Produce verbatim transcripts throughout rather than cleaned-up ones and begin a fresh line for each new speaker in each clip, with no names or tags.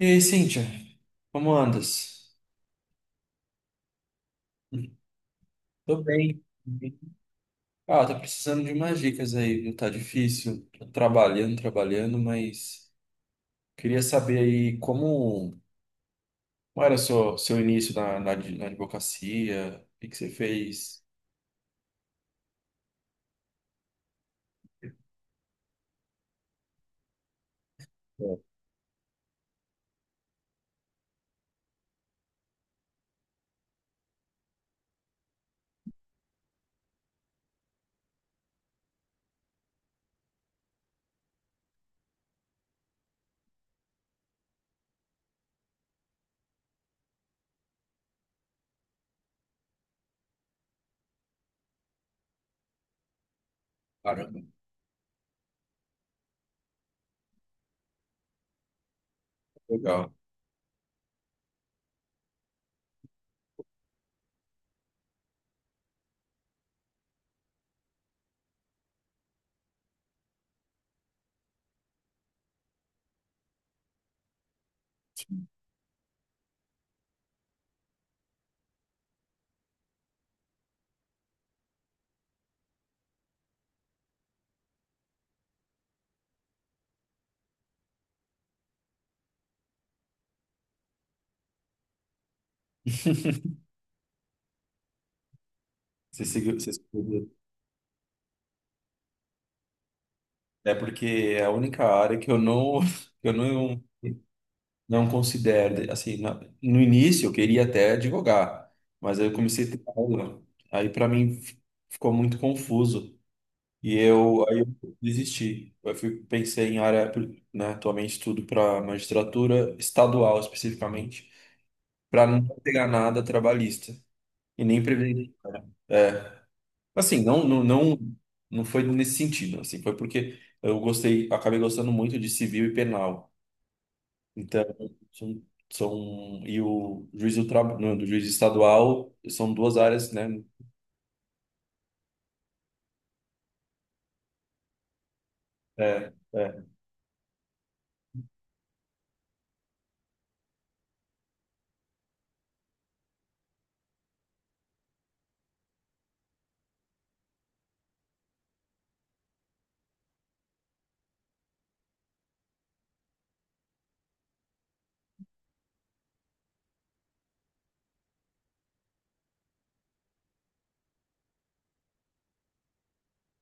E aí, Cíntia, como andas? Tô bem. Ah, tá precisando de umas dicas aí, viu? Tá difícil, tô trabalhando, trabalhando, mas queria saber aí como, como era seu, seu início na, na, ad- na advocacia, o que que você fez? Pô. Caramba. Legal. Você seguiu, você seguiu. É porque é a única área que eu não, que eu não não considero, assim, na- no início eu queria até advogar, mas aí eu comecei a ter aula, aí para mim fi- ficou muito confuso e eu aí eu desisti. Eu fui, pensei em área, né, atualmente estudo para magistratura estadual especificamente, para não pegar nada trabalhista e nem previdência. É, assim, não, não, não, não foi nesse sentido, assim, foi porque eu gostei, acabei gostando muito de civil e penal. Então, são, são- e o juiz do trabalho, não, do juiz estadual, são duas áreas, né? É, é.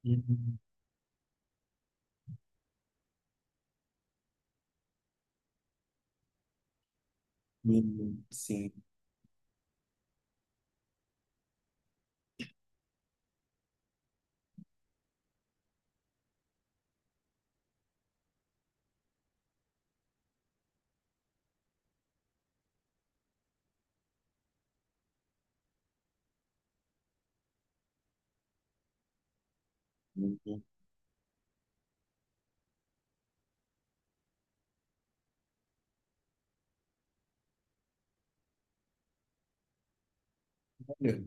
Uhum. Uhum. Sim. Uhum. Olha,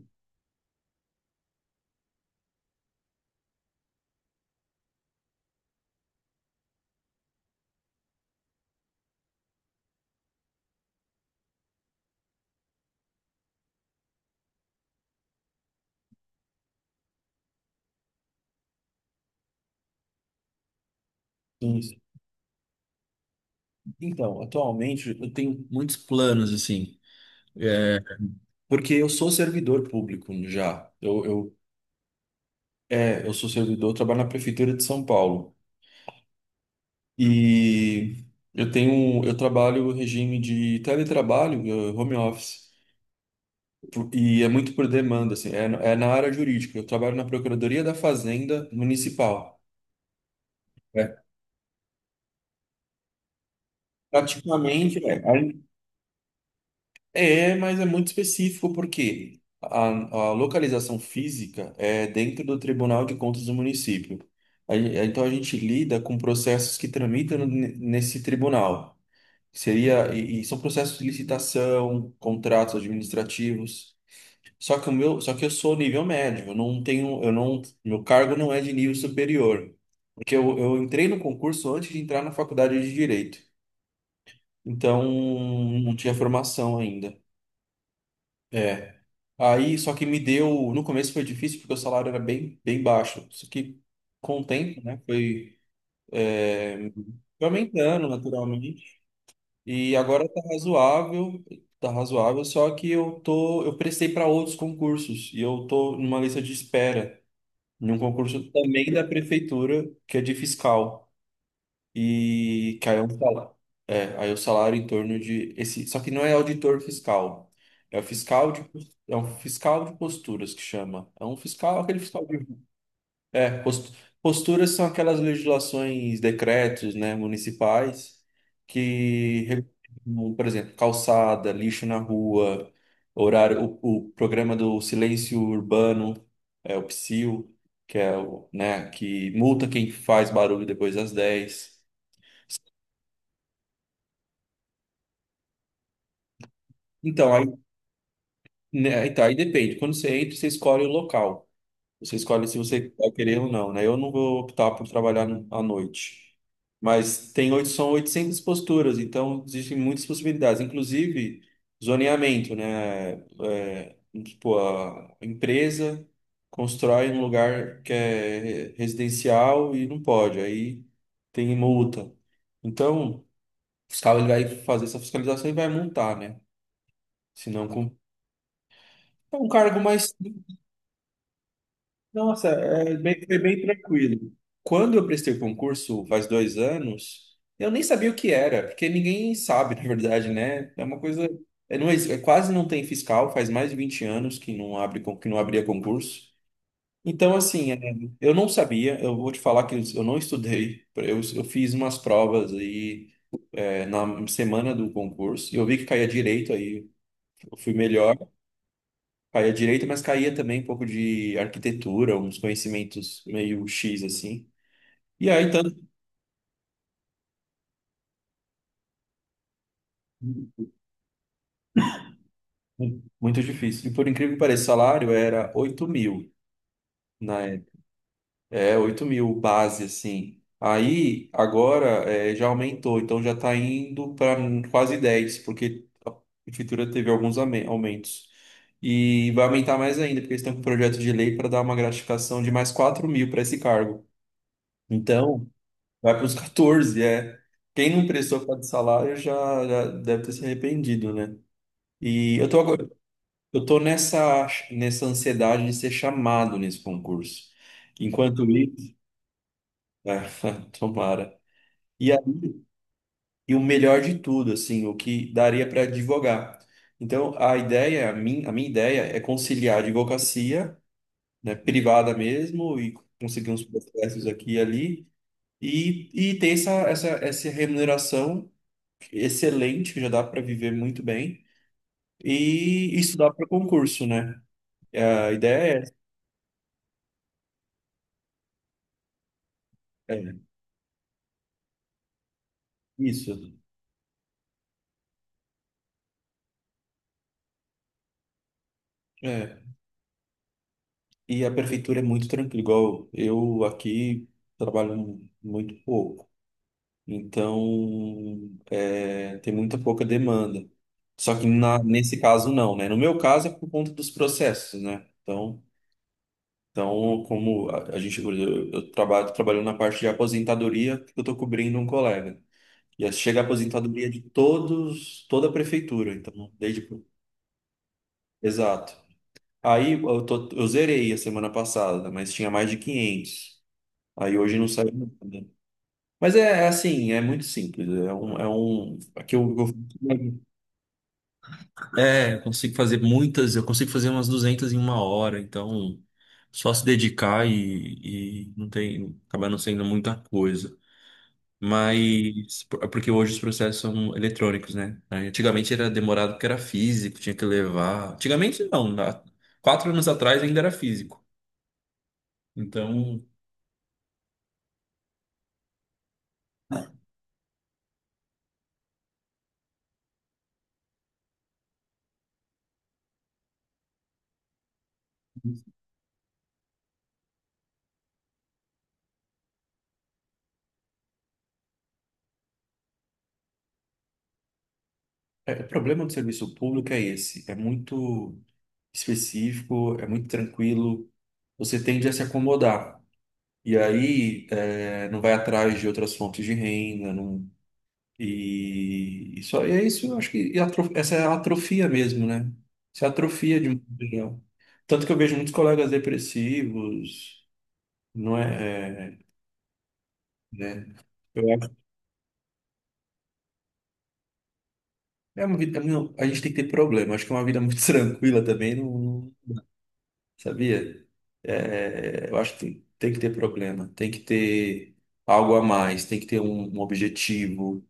isso. Então, atualmente eu tenho muitos planos assim. É, Porque eu sou servidor público já. Eu, eu é, eu sou servidor, eu trabalho na prefeitura de São Paulo, e eu tenho, eu trabalho o regime de teletrabalho, eh, home office. E é muito por demanda, assim, é, é na área jurídica. Eu trabalho na Procuradoria da Fazenda Municipal. É. Praticamente é, é, mas é muito específico porque a, a localização física é dentro do Tribunal de Contas do município. A gen- é, Então a gente lida com processos que tramitam ne- nesse tribunal. Seria, e, e são processos de licitação, contratos administrativos. Só que o meu, só que eu sou nível médio, eu não tenho, eu não, meu cargo não é de nível superior. Porque eu, eu entrei no concurso antes de entrar na faculdade de Direito. Então, não tinha formação ainda. É. Aí, só que me deu, no começo foi difícil porque o salário era bem, bem baixo. Só que com o tempo, né, foi é, foi aumentando naturalmente. E agora tá razoável, tá razoável, só que eu tô, eu prestei para outros concursos e eu tô numa lista de espera em um concurso também da prefeitura, que é de fiscal. E que aí é um salário. É, aí é o salário em torno de esse, só que não é auditor fiscal. É o fiscal de, é um fiscal de posturas que chama. É um fiscal, aquele fiscal de é, post- posturas são aquelas legislações, decretos, né, municipais que regulam, por exemplo, calçada, lixo na rua, horário, o, o programa do silêncio urbano, é o pê sil, que é o, né, que multa quem faz barulho depois das dez. Então, aí, né, então, aí depende. Quando você entra, você escolhe o local. Você escolhe se você vai querer ou não, né? Eu não vou optar por trabalhar no- à noite. Mas tem oito, são oitocentas posturas, então existem muitas possibilidades, inclusive zoneamento, né? É, tipo, a empresa constrói um lugar que é residencial e não pode, aí tem multa. Então, o fiscal ele vai fazer essa fiscalização e vai multar, né? Se não, com... é um cargo mais. Nossa, é bem- foi bem tranquilo. Quando eu prestei o concurso, faz dois anos, eu nem sabia o que era, porque ninguém sabe, na verdade, né? É uma coisa. É, não, é, quase não tem fiscal, faz mais de vinte anos que não abre, con- que não abria concurso. Então, assim, é, eu não sabia, eu vou te falar que eu não estudei. Eu, eu fiz umas provas aí, é, na semana do concurso, e eu vi que caía direito aí, eu fui melhor. Caía direito, mas caía também um pouco de arquitetura, uns conhecimentos meio xis assim. E aí, tanto, muito difícil. E por incrível que pareça, o salário era oito mil na época. É, oito mil base, assim. Aí, agora, é, já aumentou, então já está indo para quase dez porque a prefeitura teve alguns ame- aumentos. E vai aumentar mais ainda, porque eles estão com um projeto de lei para dar uma gratificação de mais quatro mil para esse cargo. Então, vai para os quatorze, é. Quem não prestou por causa do salário já, já deve ter se arrependido, né? E eu tô, agora- eu tô nessa, nessa ansiedade de ser chamado nesse concurso. Enquanto isso, é, tomara. E aí, e o melhor de tudo, assim, o que daria para advogar. Então, a ideia, a minha, a minha ideia é conciliar a advocacia, né, privada mesmo, e conseguir uns processos aqui e ali, e, e ter essa, essa, essa remuneração excelente, já dá para viver muito bem e estudar para concurso, né? A ideia é essa, é isso. É. E a prefeitura é muito tranquila, igual eu aqui trabalho muito pouco, então é, tem muita pouca demanda. Só que na- nesse caso não, né? No meu caso é por conta dos processos, né? Então, então como a, a gente, eu, eu trabalho, tô na parte de aposentadoria, eu estou cobrindo um colega. E chega a aposentadoria de todos, toda a prefeitura, então, desde. Exato. Aí eu, tô- eu zerei a semana passada, mas tinha mais de quinhentos. Aí hoje não saiu nada. Mas é, é assim, é muito simples. É um, é um, aqui eu, eu- é, eu consigo fazer muitas, eu consigo fazer umas duzentas em uma hora, então só se dedicar e, e não tem, acaba não sendo muita coisa. Mas porque hoje os processos são eletrônicos, né? Aí, antigamente era demorado porque era físico, tinha que levar. Antigamente não, na- quatro anos atrás ainda era físico. Então, é, o problema do serviço público é esse, é muito específico, é muito tranquilo, você tende a se acomodar. E aí, é, não vai atrás de outras fontes de renda, não. E, e só e é isso, eu acho que e atro- essa é a atrofia mesmo, né? Isso é atrofia de um modo geral. Tanto que eu vejo muitos colegas depressivos, não é, é, né? Eu acho que é uma vida, não, a gente tem que ter problema, acho que é uma vida muito tranquila também, não, não- sabia? É, eu acho que tem, tem que ter problema, tem que ter algo a mais, tem que ter um, um objetivo.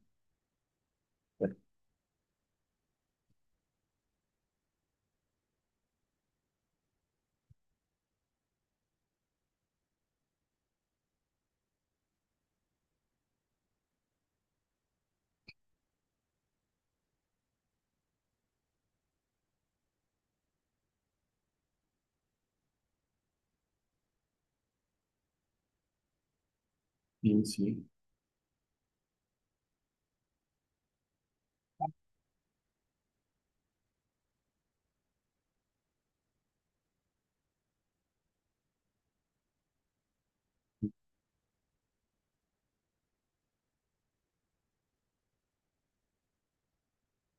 Sim, sim.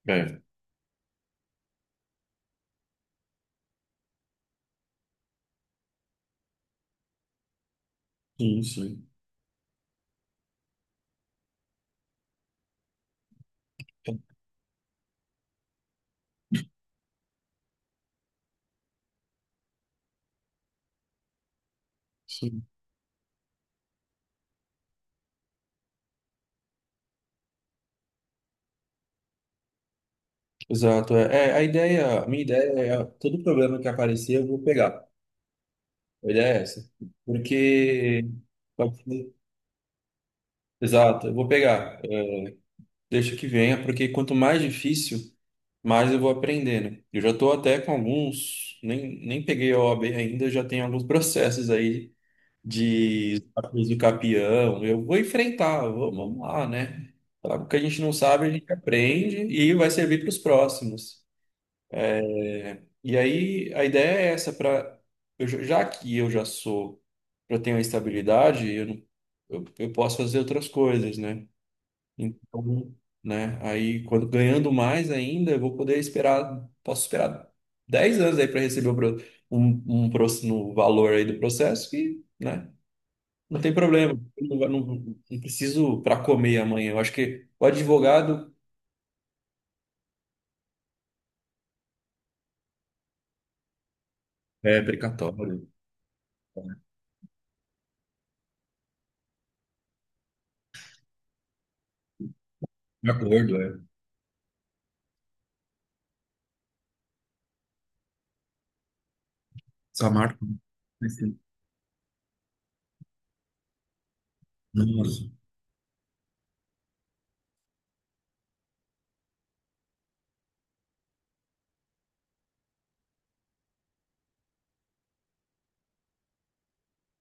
É. Sim, sim. Sim. Exato. É, é, a ideia, a minha ideia é todo problema que aparecer eu vou pegar. A ideia é essa. Porque pode ser- exato, eu vou pegar. Eu deixo que venha, porque quanto mais difícil, mais eu vou aprender, né? Eu já estou até com alguns, nem, nem peguei a oábi ainda, já tenho alguns processos aí de desafios do Capião. Eu vou enfrentar, eu vou- vamos lá, né? Falar o que a gente não sabe, a gente aprende e vai servir para os próximos. É, e aí a ideia é essa, para já que eu já sou, já tenho a estabilidade, eu, não- eu, eu posso fazer outras coisas, né? Então, né? Aí quando ganhando mais ainda, eu vou poder esperar, posso esperar dez anos aí para receber o pro- um, um próximo valor aí do processo que, né? Não tem problema, eu não, não, não preciso para comer amanhã. Eu acho que o advogado é precatório, de acordo, é. Só marca.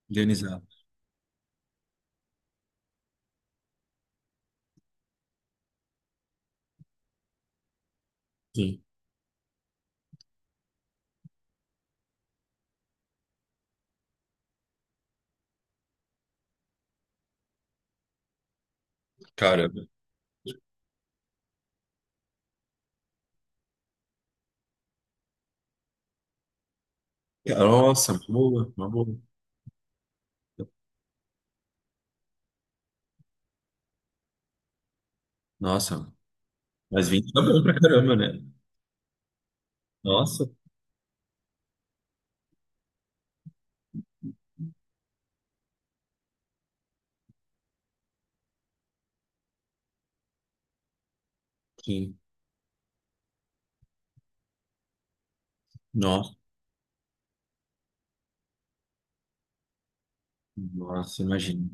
Indenizado. Sim. Caramba. Nossa, uma boa, uma boa. Nossa, mas vinte, tá bom pra caramba, né? Nossa, sim. Nossa, nossa, imagina.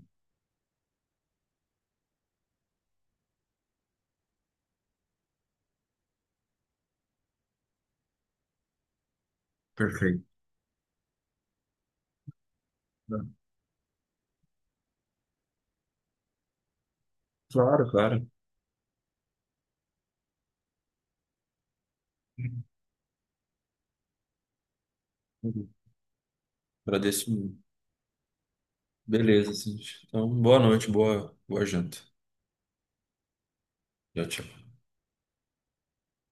Perfeito. Claro, claro. Agradeço muito. Beleza, sim. Então, boa noite, boa, boa janta. Tchau, tchau.